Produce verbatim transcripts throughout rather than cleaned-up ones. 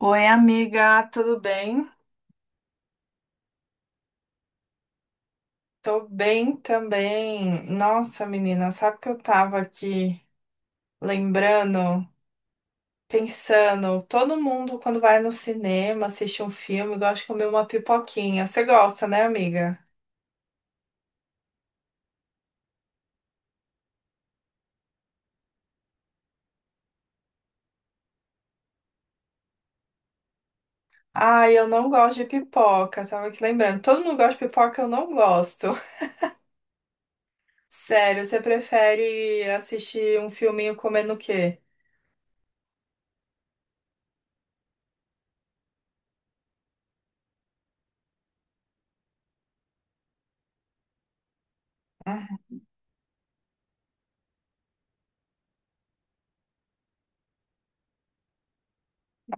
Oi, amiga, tudo bem? Tô bem também. Nossa, menina, sabe que eu tava aqui lembrando, pensando, todo mundo quando vai no cinema, assiste um filme, gosta de comer uma pipoquinha. Você gosta, né, amiga? Ai, eu não gosto de pipoca, tava aqui lembrando. Todo mundo gosta de pipoca, eu não gosto. Sério, você prefere assistir um filminho comendo o quê?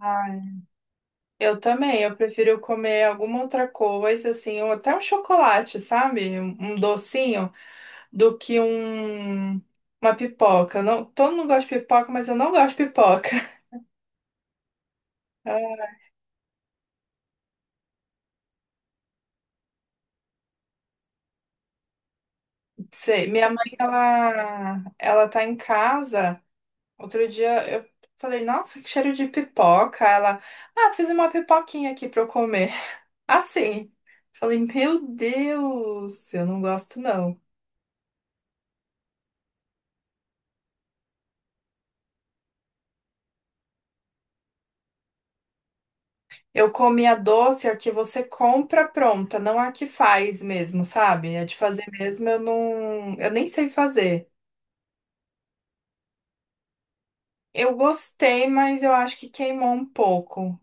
Uhum. Eu também, eu prefiro comer alguma outra coisa, assim, ou até um chocolate, sabe? Um docinho, do que um, uma pipoca. Eu não, todo mundo gosta de pipoca, mas eu não gosto de pipoca. Ah, sei, minha mãe, ela, ela tá em casa. Outro dia eu falei, nossa, que cheiro de pipoca. Ela, ah, fiz uma pipoquinha aqui pra eu comer. Assim, falei, meu Deus, eu não gosto não. Eu comi a doce, a que você compra pronta, não a que faz mesmo, sabe? A de fazer mesmo, eu não, eu nem sei fazer. Eu gostei, mas eu acho que queimou um pouco.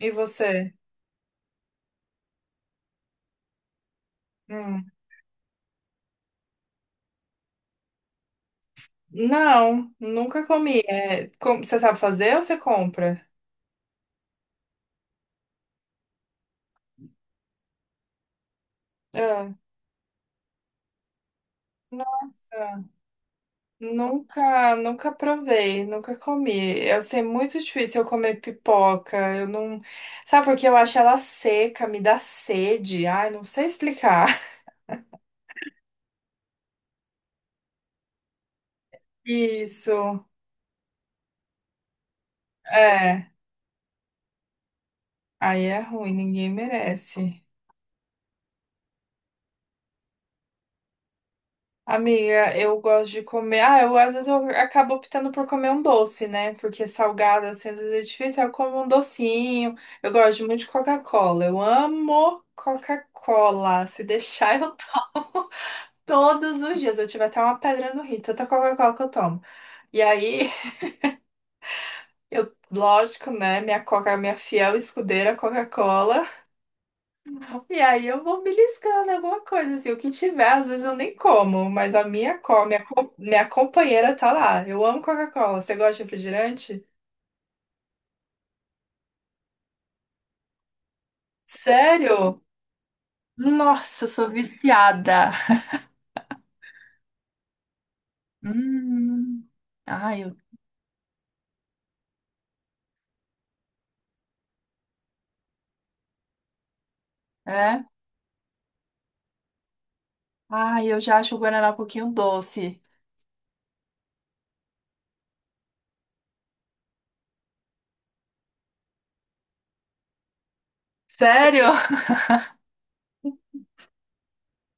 E você? Hum. Não, nunca comi. É, com- você sabe fazer ou você compra? Ah, nossa, nunca, nunca provei, nunca comi. Eu sei muito difícil eu comer pipoca. Eu não, sabe porque eu acho ela seca, me dá sede. Ai, não sei explicar. Isso, é. Aí é ruim, ninguém merece. Amiga, eu gosto de comer. Ah, eu às vezes eu acabo optando por comer um doce, né? Porque salgada, assim, às vezes é difícil. Eu como um docinho. Eu gosto muito de Coca-Cola. Eu amo Coca-Cola. Se deixar, eu tomo todos os dias. Eu tive até uma pedra no rim, tanta Coca-Cola que eu tomo. E aí, eu, lógico, né? Minha Coca, minha fiel escudeira Coca-Cola. E aí eu vou beliscando alguma coisa, assim, o que tiver, às vezes eu nem como, mas a minha come, minha, co- minha companheira tá lá. Eu amo Coca-Cola. Você gosta de refrigerante? Sério? Nossa, eu sou viciada. Hum. Ai, eu, é? Ai, eu já acho o Guaraná um pouquinho doce. Sério?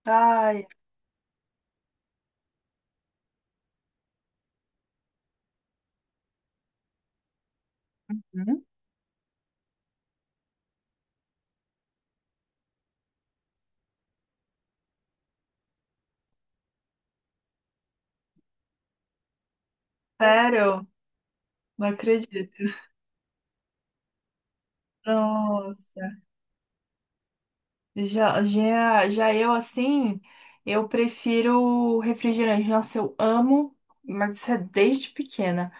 Ai, hum, sério? Não acredito. Nossa. Já, já, já eu assim, eu prefiro refrigerante. Nossa, eu amo, mas isso é desde pequena.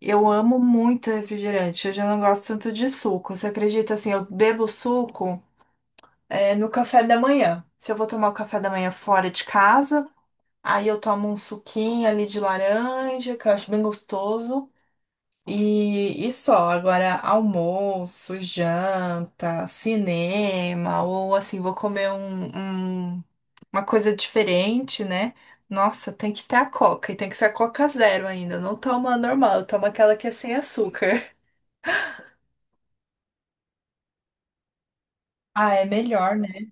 Eu amo muito refrigerante. Eu já não gosto tanto de suco. Você acredita assim, eu bebo suco é, no café da manhã. Se eu vou tomar o café da manhã fora de casa, aí eu tomo um suquinho ali de laranja, que eu acho bem gostoso. E, e só, agora almoço, janta, cinema, ou assim, vou comer um, um- uma coisa diferente, né? Nossa, tem que ter a Coca, e tem que ser a Coca zero ainda. Não toma a normal, eu tomo aquela que é sem açúcar. Ah, é melhor, né?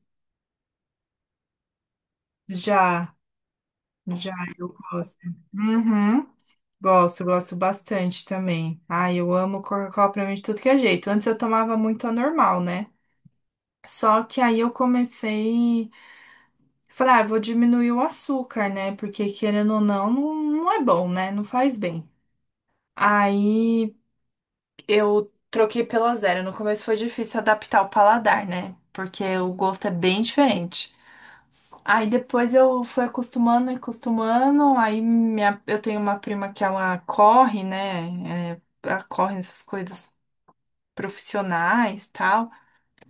Já, já, eu gosto. Uhum. Gosto, gosto bastante também. Ai, eu amo Coca-Cola pra mim de tudo que é jeito. Antes eu tomava muito a normal, né? Só que aí eu comecei. Falei, ah, vou diminuir o açúcar, né? Porque querendo ou não, não, não é bom, né? Não faz bem. Aí eu troquei pela zero. No começo foi difícil adaptar o paladar, né? Porque o gosto é bem diferente. Aí depois eu fui acostumando acostumando. Aí minha, eu tenho uma prima que ela corre, né? É, ela corre nessas coisas profissionais, tal.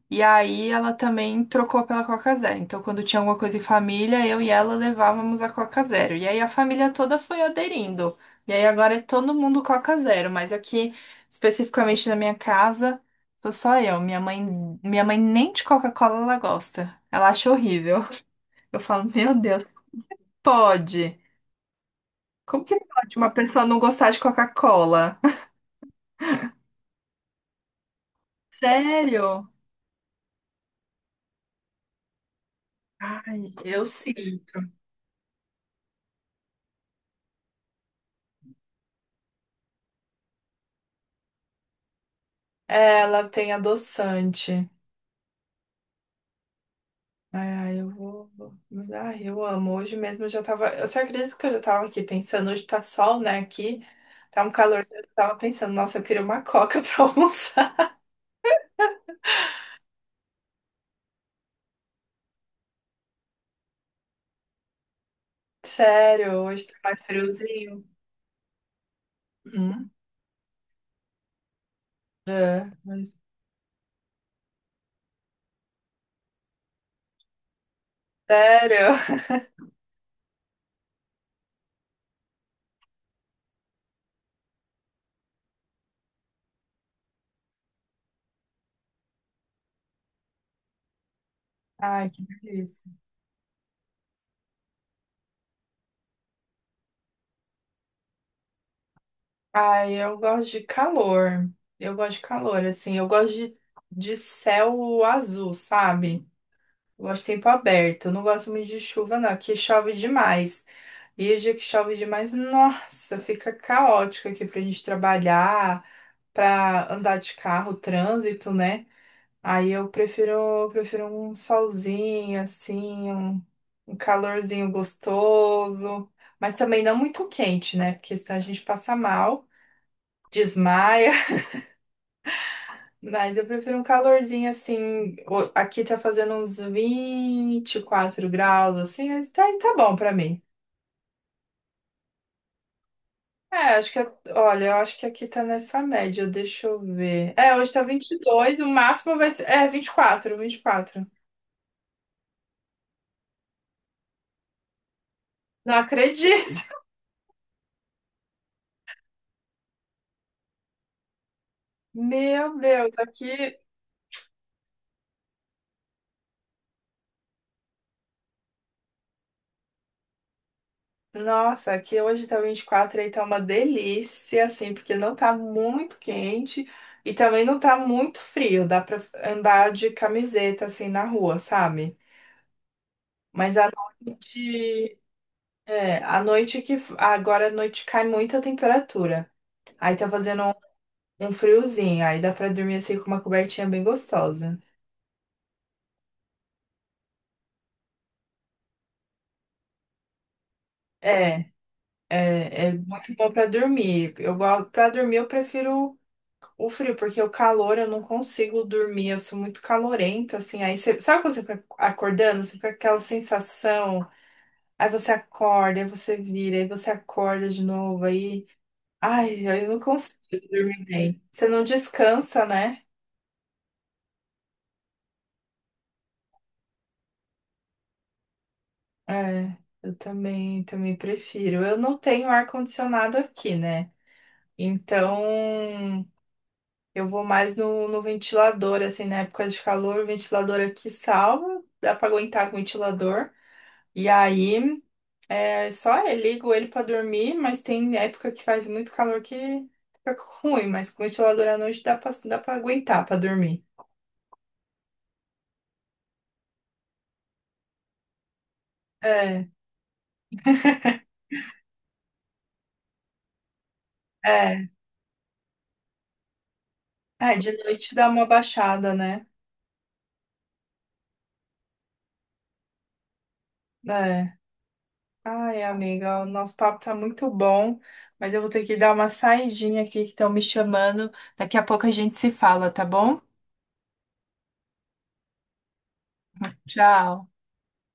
E aí ela também trocou pela Coca Zero. Então, quando tinha alguma coisa em família, eu e ela levávamos a Coca Zero. E aí a família toda foi aderindo. E aí agora é todo mundo Coca Zero, mas aqui, especificamente na minha casa, sou só eu. Minha mãe, minha mãe nem de Coca-Cola ela gosta. Ela acha horrível. Eu falo, meu Deus, pode? Como que pode uma pessoa não gostar de Coca-Cola? Sério? Ai, eu sim. É, ela tem adoçante. Ah, eu vou. Mas, ai, eu amo. Hoje mesmo eu já tava. Você acredita que eu já tava aqui pensando? Hoje tá sol, né? Aqui tá um calor. Eu tava pensando, nossa, eu queria uma coca pra almoçar. Sério, hoje tá mais friozinho. Hum? É, mas sério. Ai, que delícia. Ai, eu gosto de calor. Eu gosto de calor, assim. Eu gosto de, de céu azul, sabe? Eu gosto de tempo aberto. Eu não gosto muito de chuva, não, que chove demais. E o dia que chove demais, nossa, fica caótico aqui pra gente trabalhar, pra andar de carro, trânsito, né? Aí eu prefiro, eu prefiro um solzinho, assim, um, um calorzinho gostoso, mas também não muito quente, né? Porque senão a gente passa mal, desmaia. Mas eu prefiro um calorzinho assim. o- Aqui tá fazendo uns vinte e quatro graus, assim. Tá, tá bom pra mim. É, acho que. Olha, eu acho que aqui tá nessa média. Deixa eu ver. É, hoje tá vinte e dois. O máximo vai ser. É, vinte e quatro. Vinte e quatro. Não acredito! Meu Deus, aqui. Nossa, aqui hoje tá vinte e quatro. E aí tá uma delícia, assim, porque não tá muito quente e também não tá muito frio. Dá pra andar de camiseta, assim, na rua, sabe? Mas a noite, é, a noite que agora à noite cai muita temperatura. Aí tá fazendo um, um friozinho, aí dá pra dormir assim com uma cobertinha bem gostosa. É, é, é muito bom pra dormir. Eu gosto para dormir, eu prefiro o frio, porque o calor eu não consigo dormir, eu sou muito calorenta assim. Aí você, sabe quando você fica acordando, você fica com aquela sensação, aí você acorda, aí você vira, aí você acorda de novo aí. Ai, eu não consigo dormir bem. Você não descansa, né? É, eu também, também prefiro. Eu não tenho ar-condicionado aqui, né? Então, eu vou mais no, no ventilador, assim, na época de calor, o ventilador aqui salva, dá pra aguentar com o ventilador. E aí, é só eu ligo ele pra dormir, mas tem época que faz muito calor que fica ruim, mas com o ventilador à noite dá pra, dá pra aguentar pra dormir. É, é. É, de noite dá uma baixada, né? É. Ai, amiga, o nosso papo tá muito bom, mas eu vou ter que dar uma saidinha aqui que estão me chamando. Daqui a pouco a gente se fala, tá bom? Tchau.